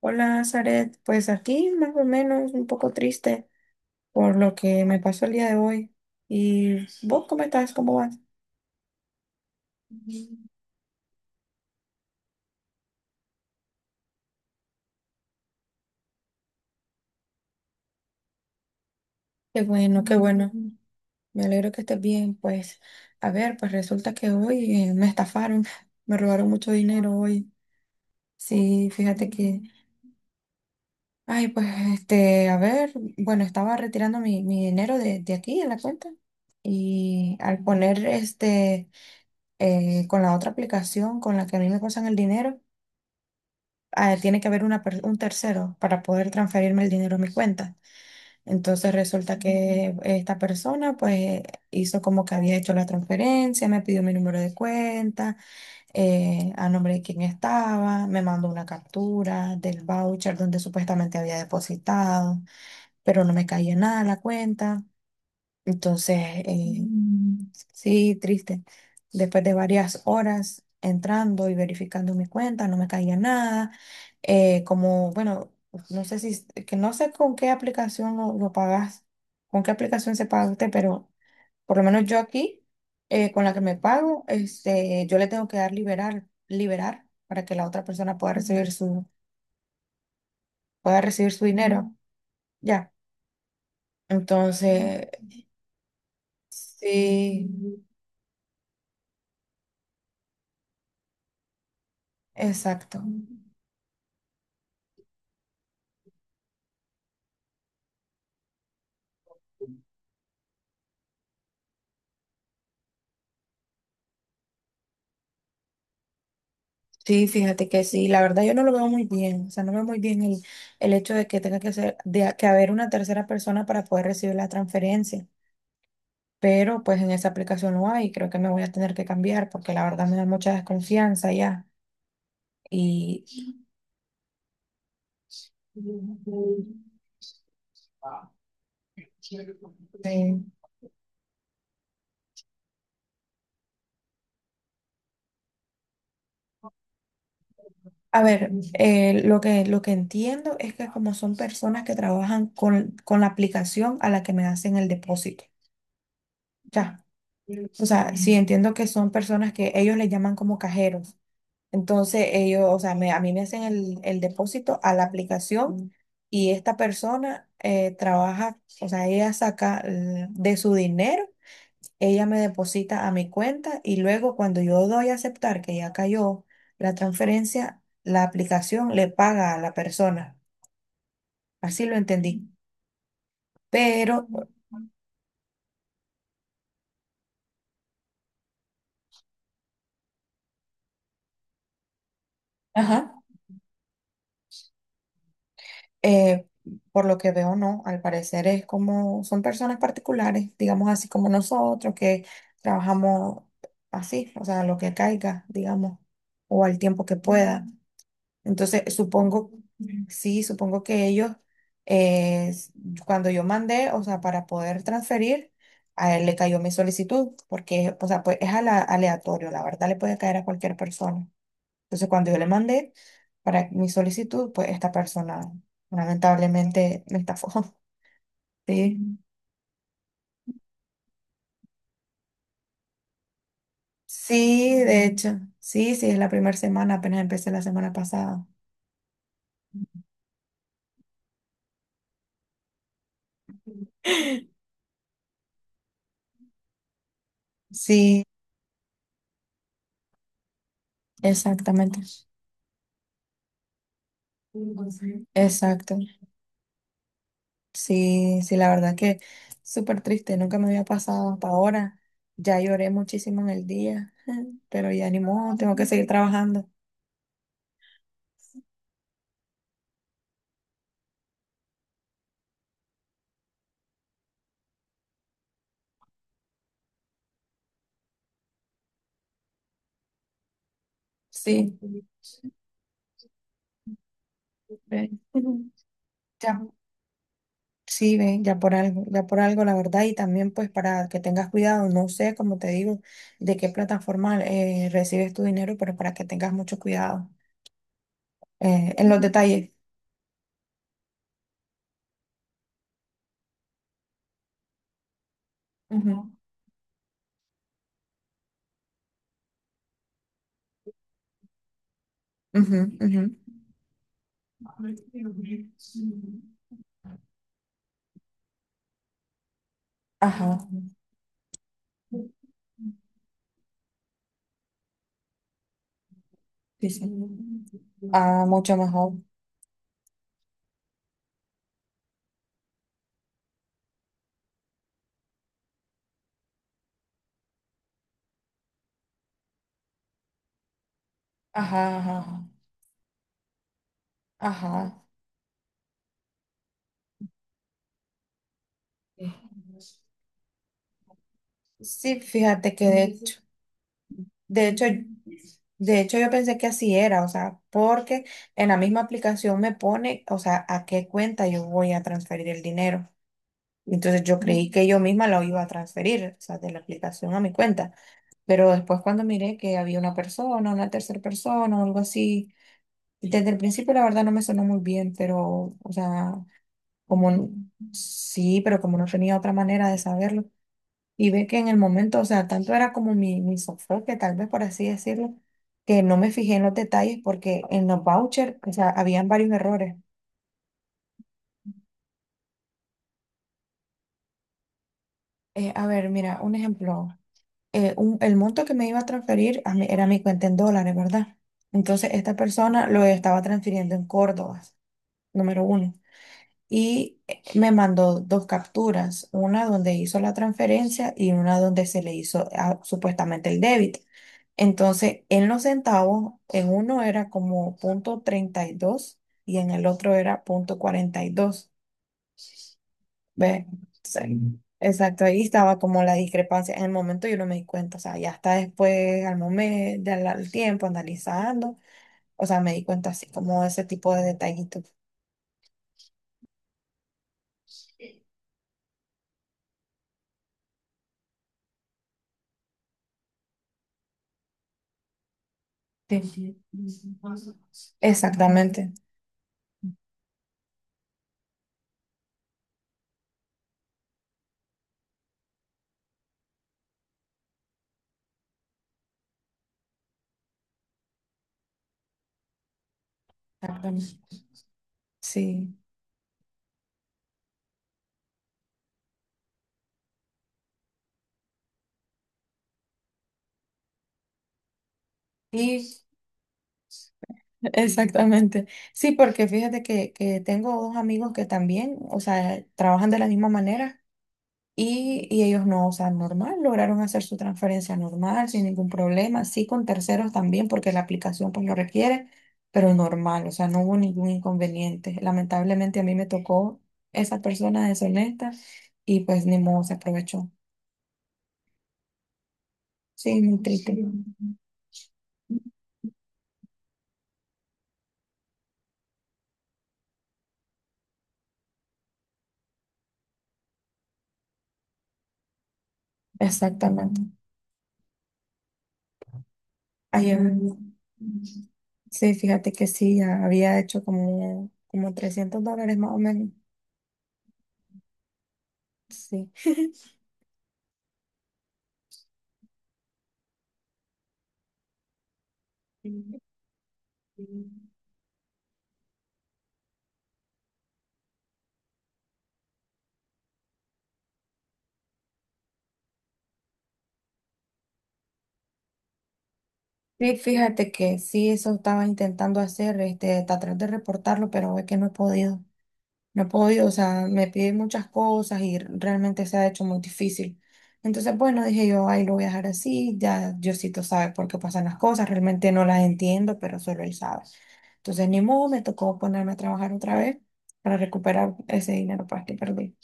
Hola, Zaret. Pues aquí más o menos un poco triste por lo que me pasó el día de hoy. ¿Y vos cómo estás? ¿Cómo vas? Qué bueno, qué bueno. Me alegro que estés bien. Pues, a ver, pues resulta que hoy me estafaron, me robaron mucho dinero hoy. Sí, fíjate que, ay, pues, este, a ver, bueno, estaba retirando mi dinero de aquí en la cuenta y al poner este, con la otra aplicación con la que a mí me pasan el dinero. Ah, tiene que haber un tercero para poder transferirme el dinero a mi cuenta. Entonces resulta que esta persona pues hizo como que había hecho la transferencia, me pidió mi número de cuenta, a nombre de quién estaba, me mandó una captura del voucher donde supuestamente había depositado, pero no me caía nada a la cuenta. Entonces, eh, sí, triste. Después de varias horas entrando y verificando mi cuenta, no me caía nada. Como, bueno, no sé si, que no sé con qué aplicación lo pagas, con qué aplicación se paga usted, pero por lo menos yo aquí, con la que me pago, este, yo le tengo que dar liberar, liberar para que la otra persona pueda recibir su dinero. Ya. Entonces, sí, exacto. Sí, fíjate que sí, la verdad yo no lo veo muy bien, o sea, no veo muy bien el hecho de que tenga que ser, que haber una tercera persona para poder recibir la transferencia, pero pues en esa aplicación no hay, creo que me voy a tener que cambiar porque la verdad me da mucha desconfianza ya. Y eh, a ver, lo que entiendo es que como son personas que trabajan con la aplicación a la que me hacen el depósito, ya. O sea, sí entiendo que son personas que ellos le llaman como cajeros. Entonces ellos, o sea, a mí me hacen el depósito a la aplicación. Mm. Y esta persona trabaja, o sea, ella saca de su dinero, ella me deposita a mi cuenta y luego cuando yo doy a aceptar que ya cayó la transferencia, la aplicación le paga a la persona. Así lo entendí. Pero ajá. Eh, por lo que veo, no, al parecer es como son personas particulares, digamos así como nosotros, que trabajamos así, o sea, lo que caiga, digamos, o al tiempo que pueda. Entonces, supongo, sí, supongo que ellos, eh, s- cuando yo mandé, o sea, para poder transferir, a él le cayó mi solicitud, porque, o sea, pues es aleatorio, la verdad le puede caer a cualquier persona. Entonces, cuando yo le mandé para mi solicitud, pues esta persona lamentablemente me estafó. Sí, sí, de hecho, sí, sí, es la primera semana, apenas empecé la semana pasada. Sí, exactamente, exacto. Sí, sí, la verdad que súper triste, nunca me había pasado hasta ahora. Ya lloré muchísimo en el día, pero ya ni modo, tengo que seguir trabajando. Sí. Ve. Sí, ven ya por algo, la verdad, y también pues para que tengas cuidado, no sé, como te digo, de qué plataforma recibes tu dinero, pero para que tengas mucho cuidado en los detalles. Ujú, ujú, ujú. Ajá, sí, sí. Ah, mucho mejor. Ajá, ajá, ajá. Sí, fíjate que de hecho, de hecho yo pensé que así era, o sea, porque en la misma aplicación me pone, o sea, a qué cuenta yo voy a transferir el dinero. Entonces yo creí que yo misma lo iba a transferir, o sea, de la aplicación a mi cuenta. Pero después cuando miré que había una persona, una tercera persona o algo así, y desde el principio la verdad no me sonó muy bien, pero, o sea, como n- sí, pero como no tenía otra manera de saberlo. Y ve que en el momento, o sea, tanto era como mi sofoque, tal vez por así decirlo, que no me fijé en los detalles porque en los vouchers, o sea, habían varios errores. A ver, mira, un ejemplo. El monto que me iba a transferir era mi cuenta en dólares, ¿verdad? Entonces, esta persona lo estaba transfiriendo en Córdoba, número uno. Y me mandó dos capturas, una donde hizo la transferencia y una donde se le hizo ah, supuestamente el débito. Entonces, en los centavos, en uno era como punto 32 y en el otro era punto 42. ¿Ves? Entonces, exacto, ahí estaba como la discrepancia. En el momento yo no me di cuenta, o sea, ya hasta después, al momento, al tiempo, analizando, o sea, me di cuenta así como ese tipo de detallitos. Exactamente, exactamente, sí. Y exactamente. Sí, porque fíjate que tengo dos amigos que también, o sea, trabajan de la misma manera. Y ellos no, o sea, normal, lograron hacer su transferencia normal, sin ningún problema, sí con terceros también, porque la aplicación pues lo requiere, pero normal, o sea, no hubo ningún inconveniente. Lamentablemente a mí me tocó esa persona deshonesta y pues ni modo se aprovechó. Sí, muy triste. Sí. Exactamente. Ayer, mm. Sí, fíjate que sí, ya había hecho como $300 más o menos. Sí. Sí, fíjate que sí, eso estaba intentando hacer, este, tratar de reportarlo, pero es que no he podido. No he podido, o sea, me piden muchas cosas y realmente se ha hecho muy difícil. Entonces, bueno, dije yo, ahí lo voy a dejar así, ya Diosito sabe por qué pasan las cosas, realmente no las entiendo, pero solo él sabe. Entonces, ni modo, me tocó ponerme a trabajar otra vez para recuperar ese dinero pues, que perdí.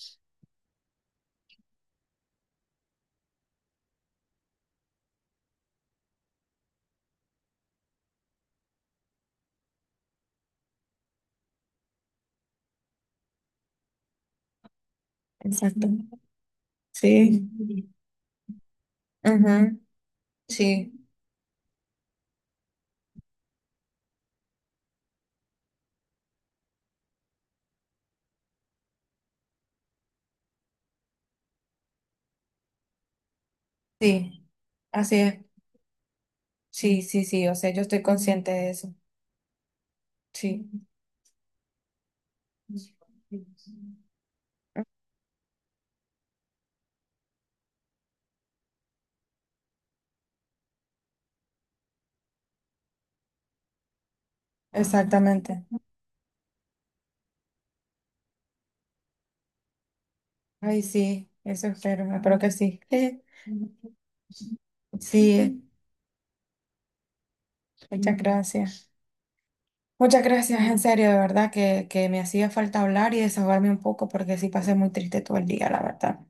Exacto. Sí. Ujú, sí, sí. Así es. Sí, sí, sí. O sea, yo estoy consciente de eso. Sí, exactamente. Ay, sí, eso espero. Espero que sí. Sí, muchas gracias. Muchas gracias, en serio, de verdad que me hacía falta hablar y desahogarme un poco porque sí pasé muy triste todo el día, la verdad.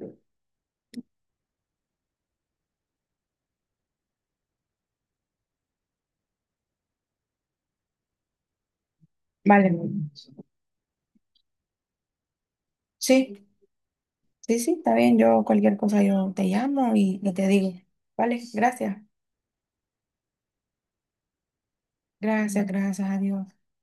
Vale, muy bien. Sí, sí, sí, está bien. Yo cualquier cosa yo te llamo y te digo. Vale, gracias. Gracias, gracias, adiós.